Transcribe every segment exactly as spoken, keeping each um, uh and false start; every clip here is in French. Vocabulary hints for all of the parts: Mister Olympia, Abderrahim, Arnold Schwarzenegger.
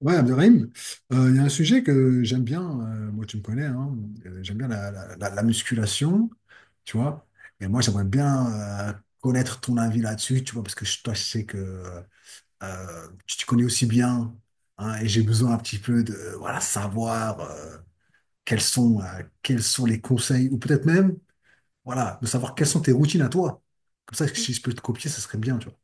Ouais, Abderrahim, euh, il y a un sujet que j'aime bien. Euh, moi tu me connais, hein. Euh, j'aime bien la, la- la- la musculation, tu vois, et moi j'aimerais bien euh, connaître ton avis là-dessus, tu vois, parce que je- toi je sais que euh, tu te connais aussi bien, hein, et j'ai besoin un petit peu de, voilà, savoir euh, quels sont, euh, quels sont les conseils, ou peut-être même, voilà, de savoir quelles sont tes routines à toi. Comme ça, si je peux te copier, ça serait bien, tu vois.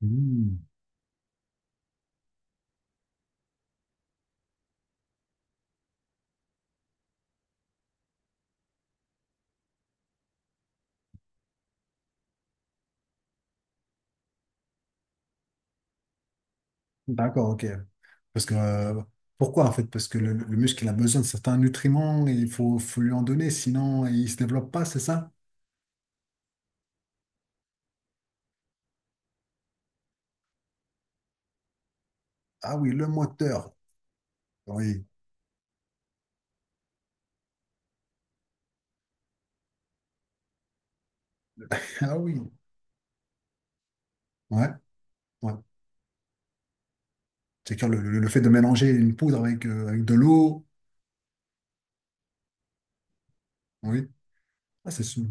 Hmm. D'accord, ok. Parce que, euh, pourquoi en fait? Parce que le, le muscle, il a besoin de certains nutriments et il faut, faut lui en donner, sinon il ne se développe pas, c'est ça? Ah oui, le moteur. Oui. Ah oui. Ouais, ouais. C'est-à-dire le, le- le fait de mélanger une poudre avec, euh, avec de l'eau. Oui. Ah, c'est sou-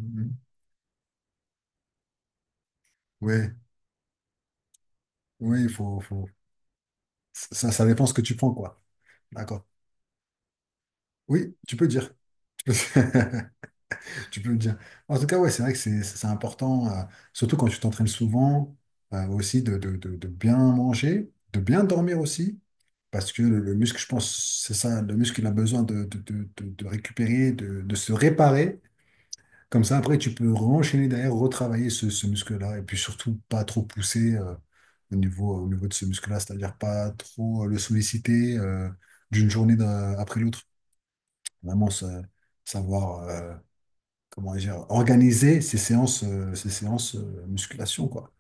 Oui, oui, il faut, faut- Ça, ça dépend ce que tu prends, quoi. D'accord. Oui, tu peux dire. Tu peux le dire. En tout cas, ouais, c'est vrai que c'est c'est important, euh, surtout quand tu t'entraînes souvent, euh, aussi de, de- de- de bien manger, de bien dormir aussi, parce que le, le muscle, je pense, c'est ça, le muscle, il a besoin de, de- de- de- de récupérer, de, de se réparer. Comme ça, après, tu peux enchaîner derrière, retravailler ce, ce muscle-là, et puis surtout pas trop pousser euh, au niveau, au niveau de ce muscle-là, c'est-à-dire pas trop euh, le solliciter euh, d'une journée d'un- après l'autre. Vraiment, ça- savoir. Euh, comment dire, organiser ces séances, euh, ces séances euh, musculation, quoi.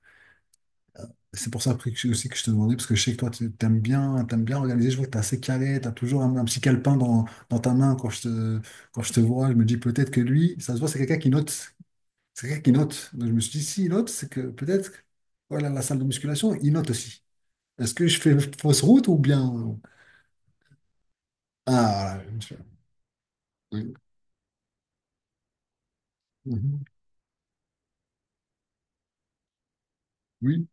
Euh, C'est pour ça après, que je- aussi que je te demandais, parce que je sais que toi, tu aimes bien, t'aimes bien organiser. Je vois que tu es assez carré, tu as toujours un, un petit calepin dans, dans ta main quand je te, quand je te vois. Je me dis peut-être que lui, ça se voit, c'est quelqu'un qui note. C'est quelqu'un qui note. Donc je me suis dit, s'il note, c'est que peut-être, que, voilà, la salle de musculation, il note aussi. Est-ce que je fais fausse route ou bien. Ah, voilà. Oui. Mhm. Oui.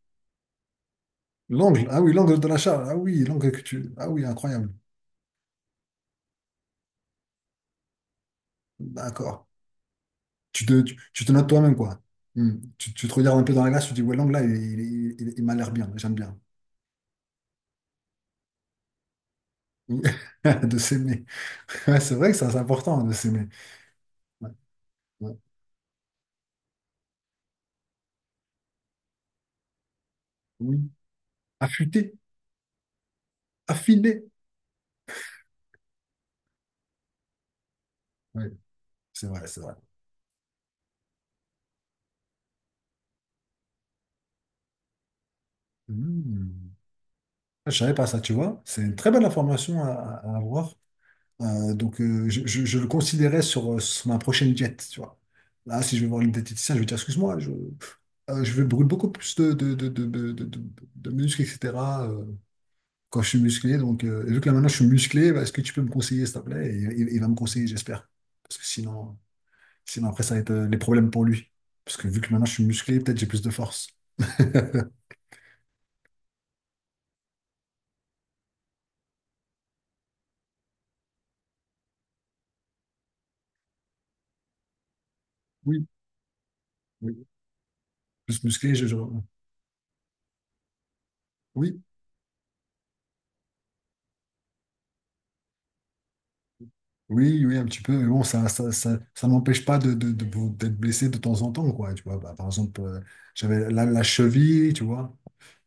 L'angle. Ah oui, l'angle de la charge. Ah oui, l'angle que tu. Ah oui, incroyable. D'accord. Tu te, tu, tu te notes toi-même, quoi. Hmm. Tu, tu te regardes un peu dans la glace, tu te dis, ouais, l'angle là, il, il- il- il m'a l'air bien, j'aime bien. De s'aimer. Ouais, c'est vrai que ça, c'est important de s'aimer. Ouais, ouais. Oui. Affûter, affiner. Ouais, c'est vrai, c'est vrai. Hmm. Je savais pas ça, tu vois. C'est une très bonne information à, à avoir. Euh, donc, euh, je, je- je le considérais sur, euh, sur ma prochaine diète, tu vois. Là, si je vais voir une diététicienne, je vais dire, excuse-moi, je, euh, je vais brûler beaucoup plus de, de, de, de, de, de- de- de muscles, et cetera quand je suis musclé. Donc, euh, et vu que là maintenant je suis musclé, bah, est-ce que tu peux me conseiller, s'il te plaît? Et, il il va me conseiller, j'espère. Parce que sinon, sinon après, ça va être euh, les problèmes pour lui. Parce que vu que maintenant je suis musclé, peut-être j'ai plus de force. Oui, oui. Plus musclé, je, je- Oui, oui, oui, un petit peu. Mais bon, ça, ça, ça, ça n'empêche pas de, de, de- d'être blessé de temps en temps, quoi. Tu vois, bah, par exemple, euh, j'avais la, la cheville, tu vois.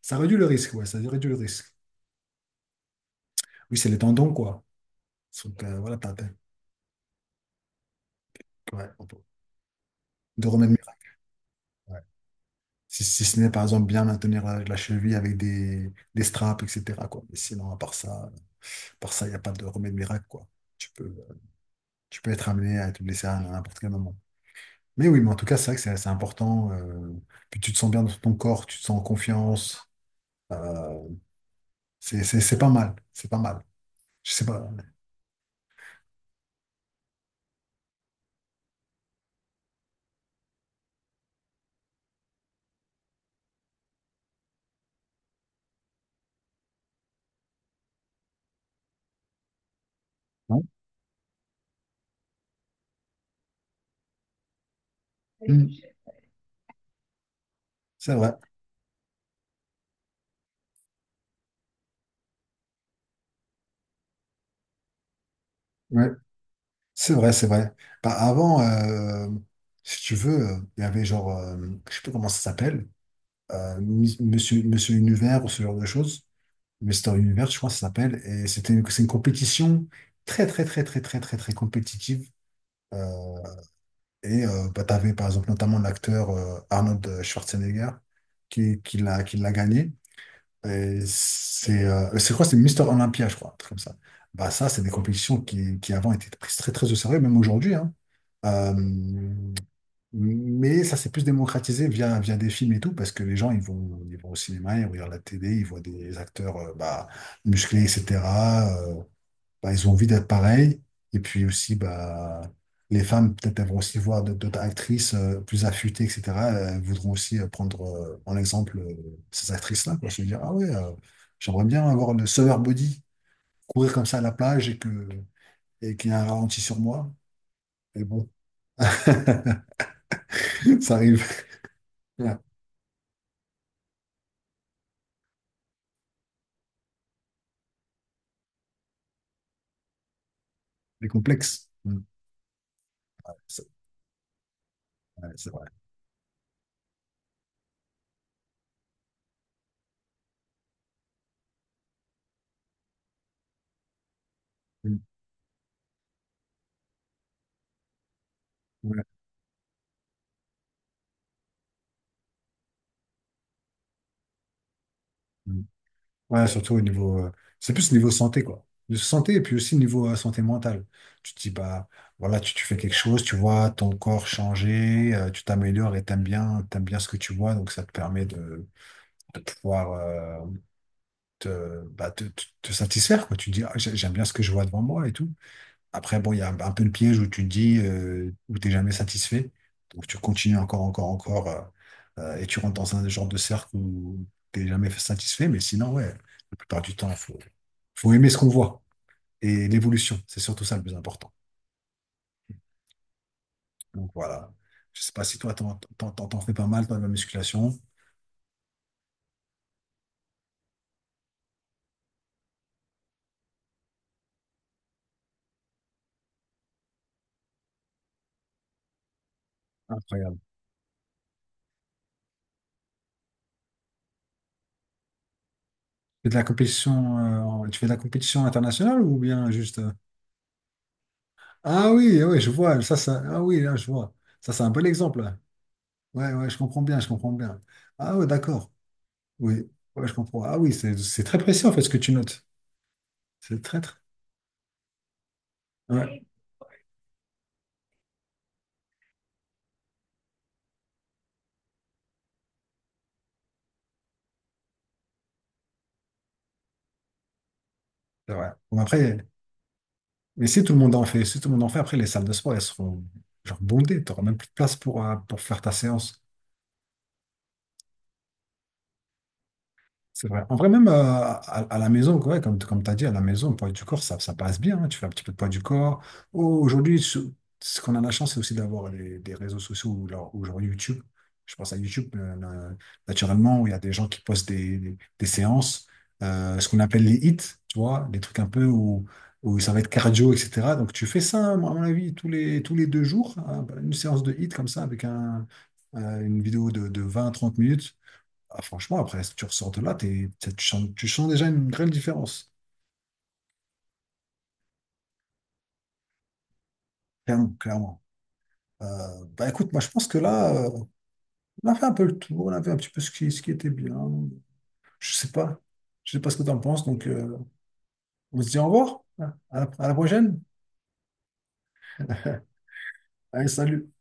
Ça réduit le risque, ouais, ça réduit le risque. Oui, c'est les tendons, quoi. Donc, euh, voilà, t'as, t'as- ouais, on peut- de remède miracle. Si, si ce n'est par exemple bien maintenir la, la cheville avec des, des straps, et cetera quoi. Mais sinon, à part ça, par ça, il n'y a pas de remède miracle, quoi. Tu peux, tu peux être amené à te blesser à, à n'importe quel moment. Mais oui, mais en tout cas, c'est vrai que c'est c'est important. Euh, puis tu te sens bien dans ton corps, tu te sens en confiance. euh, c'est c'est- c'est pas mal. C'est pas mal. Je sais pas. Non. Mm. C'est vrai. Ouais. C'est vrai, c'est vrai. Bah, avant, euh, si tu veux, euh, il y avait genre, euh, je sais plus comment ça s'appelle, euh, Miss- Monsieur, Monsieur Univers ou ce genre de choses. Mister Univers, je crois que ça s'appelle. Et c'était une, c'est une compétition très, très, très, très, très, très, très compétitive. Euh, et euh, bah, tu avais par exemple notamment l'acteur euh, Arnold Schwarzenegger qui, qui l'a, qui l'a gagné. Et c'est euh, c'est quoi? C'est Mister Olympia, je crois, un truc comme ça. Bah, ça, c'est des compétitions qui, qui avant étaient prises très, très au sérieux, même aujourd'hui, hein. Euh, mais ça s'est plus démocratisé via, via des films et tout, parce que les gens, ils vont, ils vont au cinéma, ils regardent la télé, ils voient des acteurs euh, bah, musclés, et cetera euh, Bah, ils ont envie d'être pareils. Et puis aussi, bah, les femmes, peut-être, elles vont aussi voir d'autres d'autres actrices euh, plus affûtées, et cetera. Elles voudront aussi euh, prendre euh, en exemple euh, ces actrices-là, quoi. Se dire, ah ouais, euh, j'aimerais bien avoir le summer body, courir comme ça à la plage et que, et qu'il y ait un ralenti sur moi. Mais bon, ça arrive. Les complexes. Mm. C'est ouais, c'est vrai. Mm. Ouais, mm. Ouais, surtout au niveau. Euh, c'est plus niveau santé, quoi. De santé et puis aussi niveau euh, santé mentale. Tu te dis, bah, voilà, tu, tu fais quelque chose, tu vois ton corps changer, euh, tu t'améliores et t'aimes bien, t'aimes bien ce que tu vois, donc ça te permet de, de pouvoir euh, te, bah, te, te- te satisfaire, quoi. Tu te dis, ah, j'ai- j'aime bien ce que je vois devant moi et tout. Après, bon, il y a un, un peu le piège où tu te dis, euh, où t'es jamais satisfait. Donc, tu continues encore, encore, encore, euh, euh, et tu rentres dans un genre de cercle où t'es jamais satisfait. Mais sinon, ouais, la plupart du temps, faut, faut aimer ce qu'on voit et l'évolution. C'est surtout ça le plus important. Donc, voilà. Je sais pas si toi, t'en, t'en, t'en- t'en fais pas mal, toi, de la musculation. Incroyable. Tu fais de la compétition, euh, en- tu fais de la compétition internationale ou bien juste. euh, Ah oui, oui, je vois. Ça, ça... Ah oui, là, je vois. Ça, c'est un bon exemple. Ouais, ouais, je comprends bien, je comprends bien. Ah ouais, d'accord. Oui, ouais, je comprends. Ah oui, c'est c'est très précis en fait ce que tu notes. C'est très, très. Ouais, c'est vrai. Bon, après, mais si tout le monde en fait, si tout le monde en fait, après les salles de sport, elles seront genre bondées. Tu n'auras même plus de place pour, euh, pour faire ta séance. C'est vrai. En vrai, même euh, à, à la maison, ouais, comme, comme tu as dit, à la maison, le poids du corps, ça, ça passe bien, hein. Tu fais un petit peu de poids du corps. Oh, aujourd'hui, ce, ce qu'on a la chance, c'est aussi d'avoir les- des réseaux sociaux ou alors- ou genre YouTube. Je pense à YouTube, euh, na- naturellement, où il y a des gens qui postent des, des- des séances, euh, ce qu'on appelle les hits, tu vois, des trucs un peu où, où ça va être cardio, et cetera. Donc, tu fais ça, moi, à mon avis, tous les, tous les deux jours, hein, une séance de hits comme ça, avec un, euh, une vidéo de, de vingt trente minutes ah, franchement, après, si tu ressors de là, t'es- t'es- tu sens, tu sens déjà une grande différence. Clairement, clairement. Euh, bah écoute, moi je pense que là, euh, on a fait un peu le tour, on a fait un petit peu ce qui, ce qui était bien. Je sais pas. Je sais pas ce que tu en penses, donc euh, on se dit au revoir. À la à la prochaine. Allez, salut.